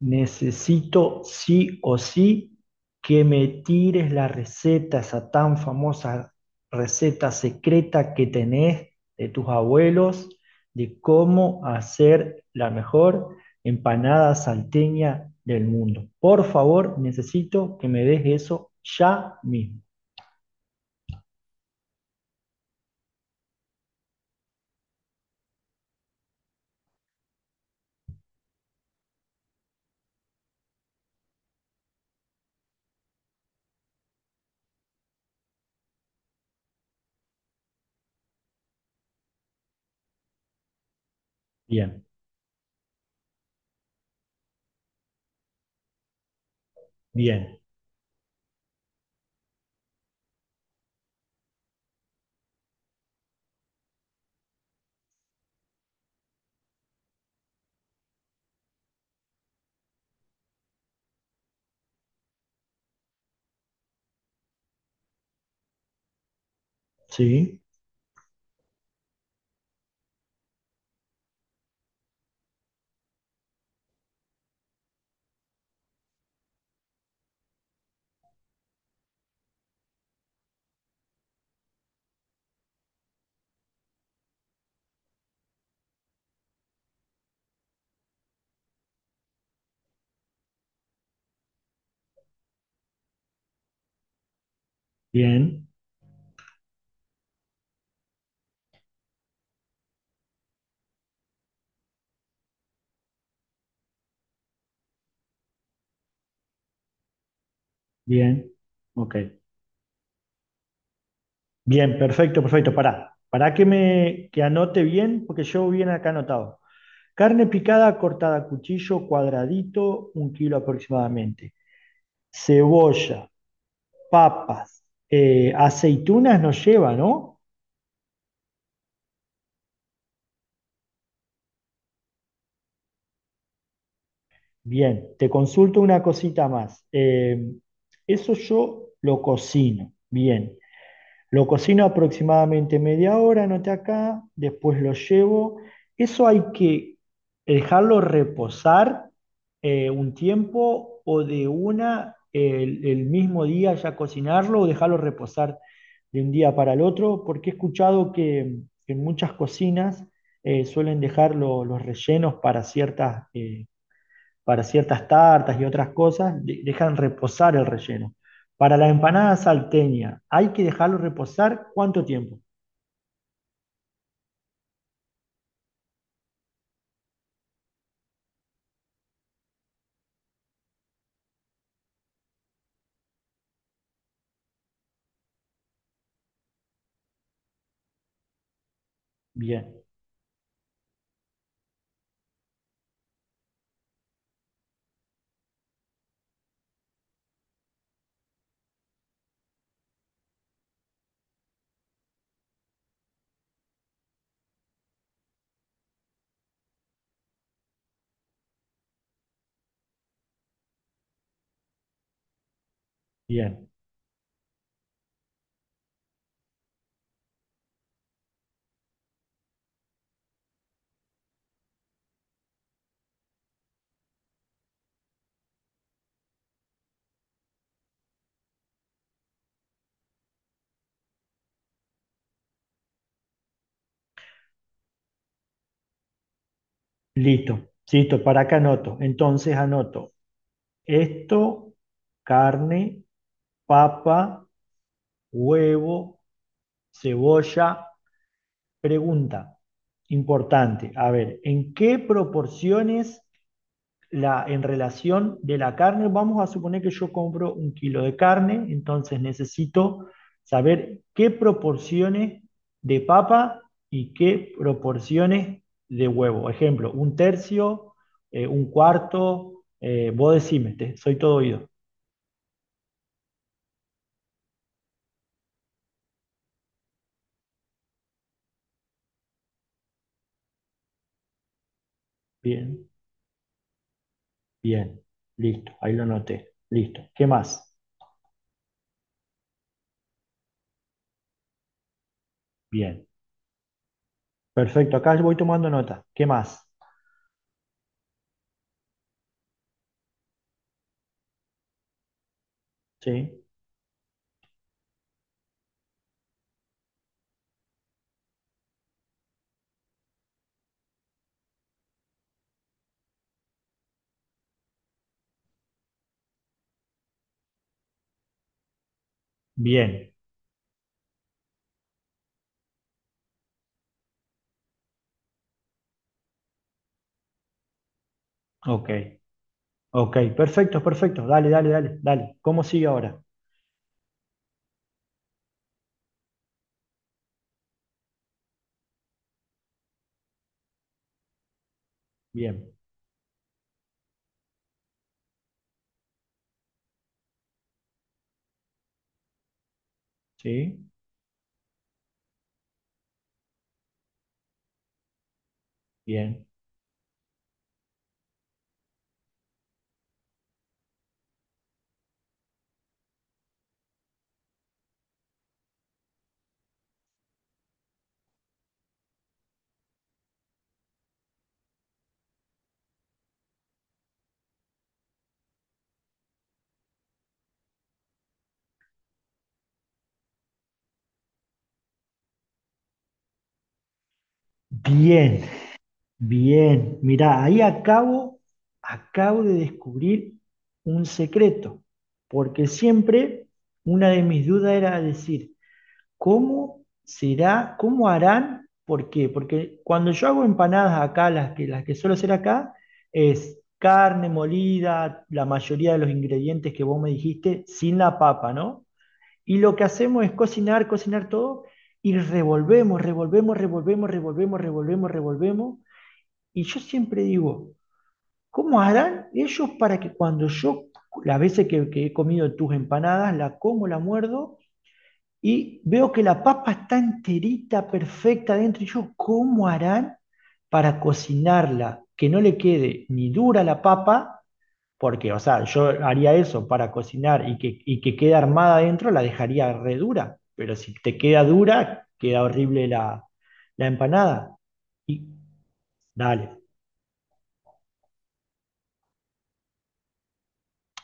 Necesito sí o sí que me tires la receta, esa tan famosa receta secreta que tenés de tus abuelos, de cómo hacer la mejor empanada salteña del mundo. Por favor, necesito que me des eso ya mismo. Bien, bien, sí, bien, bien, ok. Bien, perfecto, perfecto. Pará, pará que anote bien, porque yo bien acá anotado. Carne picada cortada a cuchillo cuadradito, un kilo aproximadamente. Cebolla, papas, aceitunas nos lleva, ¿no? Bien, te consulto una cosita más. Eso yo lo cocino, bien. Lo cocino aproximadamente media hora, noté acá, después lo llevo. Eso hay que dejarlo reposar un tiempo o de una el mismo día ya cocinarlo o dejarlo reposar de un día para el otro, porque he escuchado que en muchas cocinas suelen dejar los rellenos para ciertas tartas y otras cosas, dejan reposar el relleno. Para la empanada salteña, ¿hay que dejarlo reposar cuánto tiempo? Bien, bien. Listo, listo. Para acá anoto. Entonces anoto esto, carne, papa, huevo, cebolla. Pregunta importante. A ver, ¿en qué proporciones en relación de la carne, vamos a suponer que yo compro un kilo de carne, entonces necesito saber qué proporciones de papa y qué proporciones de huevo. Ejemplo, un tercio, un cuarto, vos decime, soy todo oído. Bien, bien, listo, ahí lo noté, listo. ¿Qué más? Bien, perfecto, acá voy tomando nota. ¿Qué más? Sí, bien, ok. Ok, perfecto, perfecto. Dale, dale, dale, dale. ¿Cómo sigue ahora? Bien, ¿sí? Bien. Bien, bien. Mirá, ahí acabo, acabo de descubrir un secreto, porque siempre una de mis dudas era decir, ¿cómo será, cómo harán? ¿Por qué? Porque cuando yo hago empanadas acá, las que suelo hacer acá, es carne molida, la mayoría de los ingredientes que vos me dijiste, sin la papa, ¿no? Y lo que hacemos es cocinar, cocinar todo y revolvemos, revolvemos, revolvemos, revolvemos, revolvemos, revolvemos. Y yo siempre digo, ¿cómo harán ellos para que cuando yo, las veces que he comido tus empanadas, la como, la muerdo y veo que la papa está enterita, perfecta dentro, y yo, ¿cómo harán para cocinarla? Que no le quede ni dura la papa, porque, o sea, yo haría eso para cocinar y que quede armada adentro, la dejaría re dura. Pero si te queda dura, queda horrible la empanada. Y dale.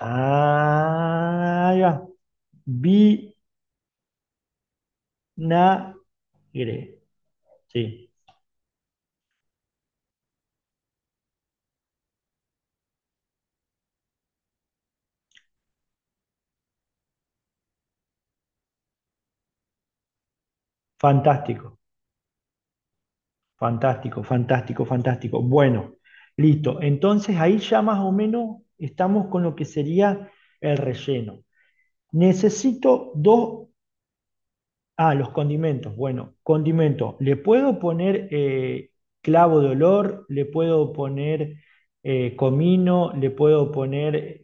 Ah, ahí va. Vinagre. Sí, fantástico, fantástico, fantástico, fantástico. Bueno, listo. Entonces ahí ya más o menos estamos con lo que sería el relleno. Necesito dos. Ah, los condimentos. Bueno, condimento. Le puedo poner clavo de olor, le puedo poner comino, le puedo poner...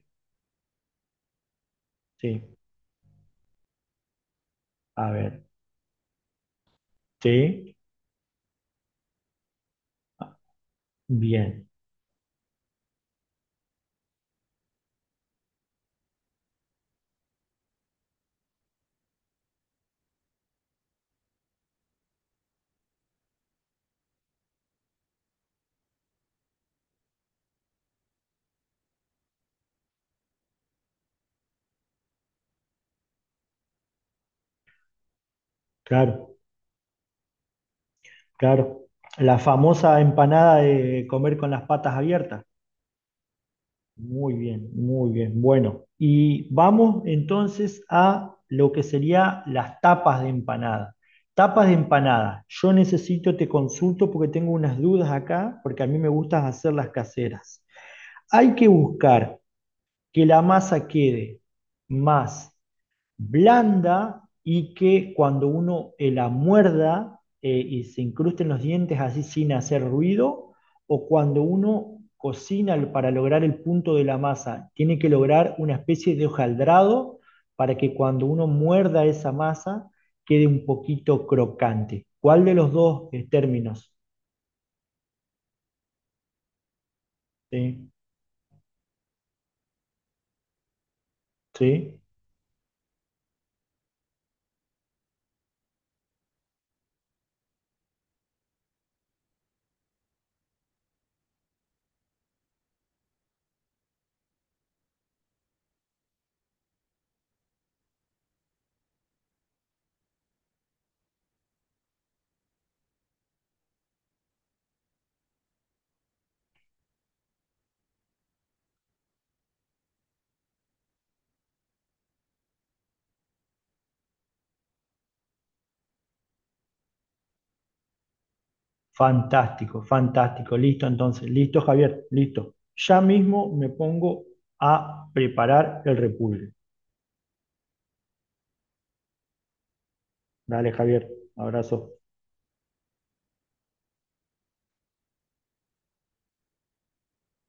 Sí, a ver. Sí, bien, claro, claro. La famosa empanada de comer con las patas abiertas. Muy bien, muy bien. Bueno, y vamos entonces a lo que sería las tapas de empanada. Tapas de empanada. Yo necesito, te consulto porque tengo unas dudas acá, porque a mí me gusta hacer las caseras. Hay que buscar que la masa quede más blanda y que cuando uno la muerda y se incrusten los dientes así sin hacer ruido, o cuando uno cocina para lograr el punto de la masa, tiene que lograr una especie de hojaldrado para que cuando uno muerda esa masa quede un poquito crocante. ¿Cuál de los dos términos? ¿Sí? ¿Sí? Fantástico, fantástico. Listo, entonces, listo, Javier, listo. Ya mismo me pongo a preparar el repulgue. Dale, Javier, abrazo.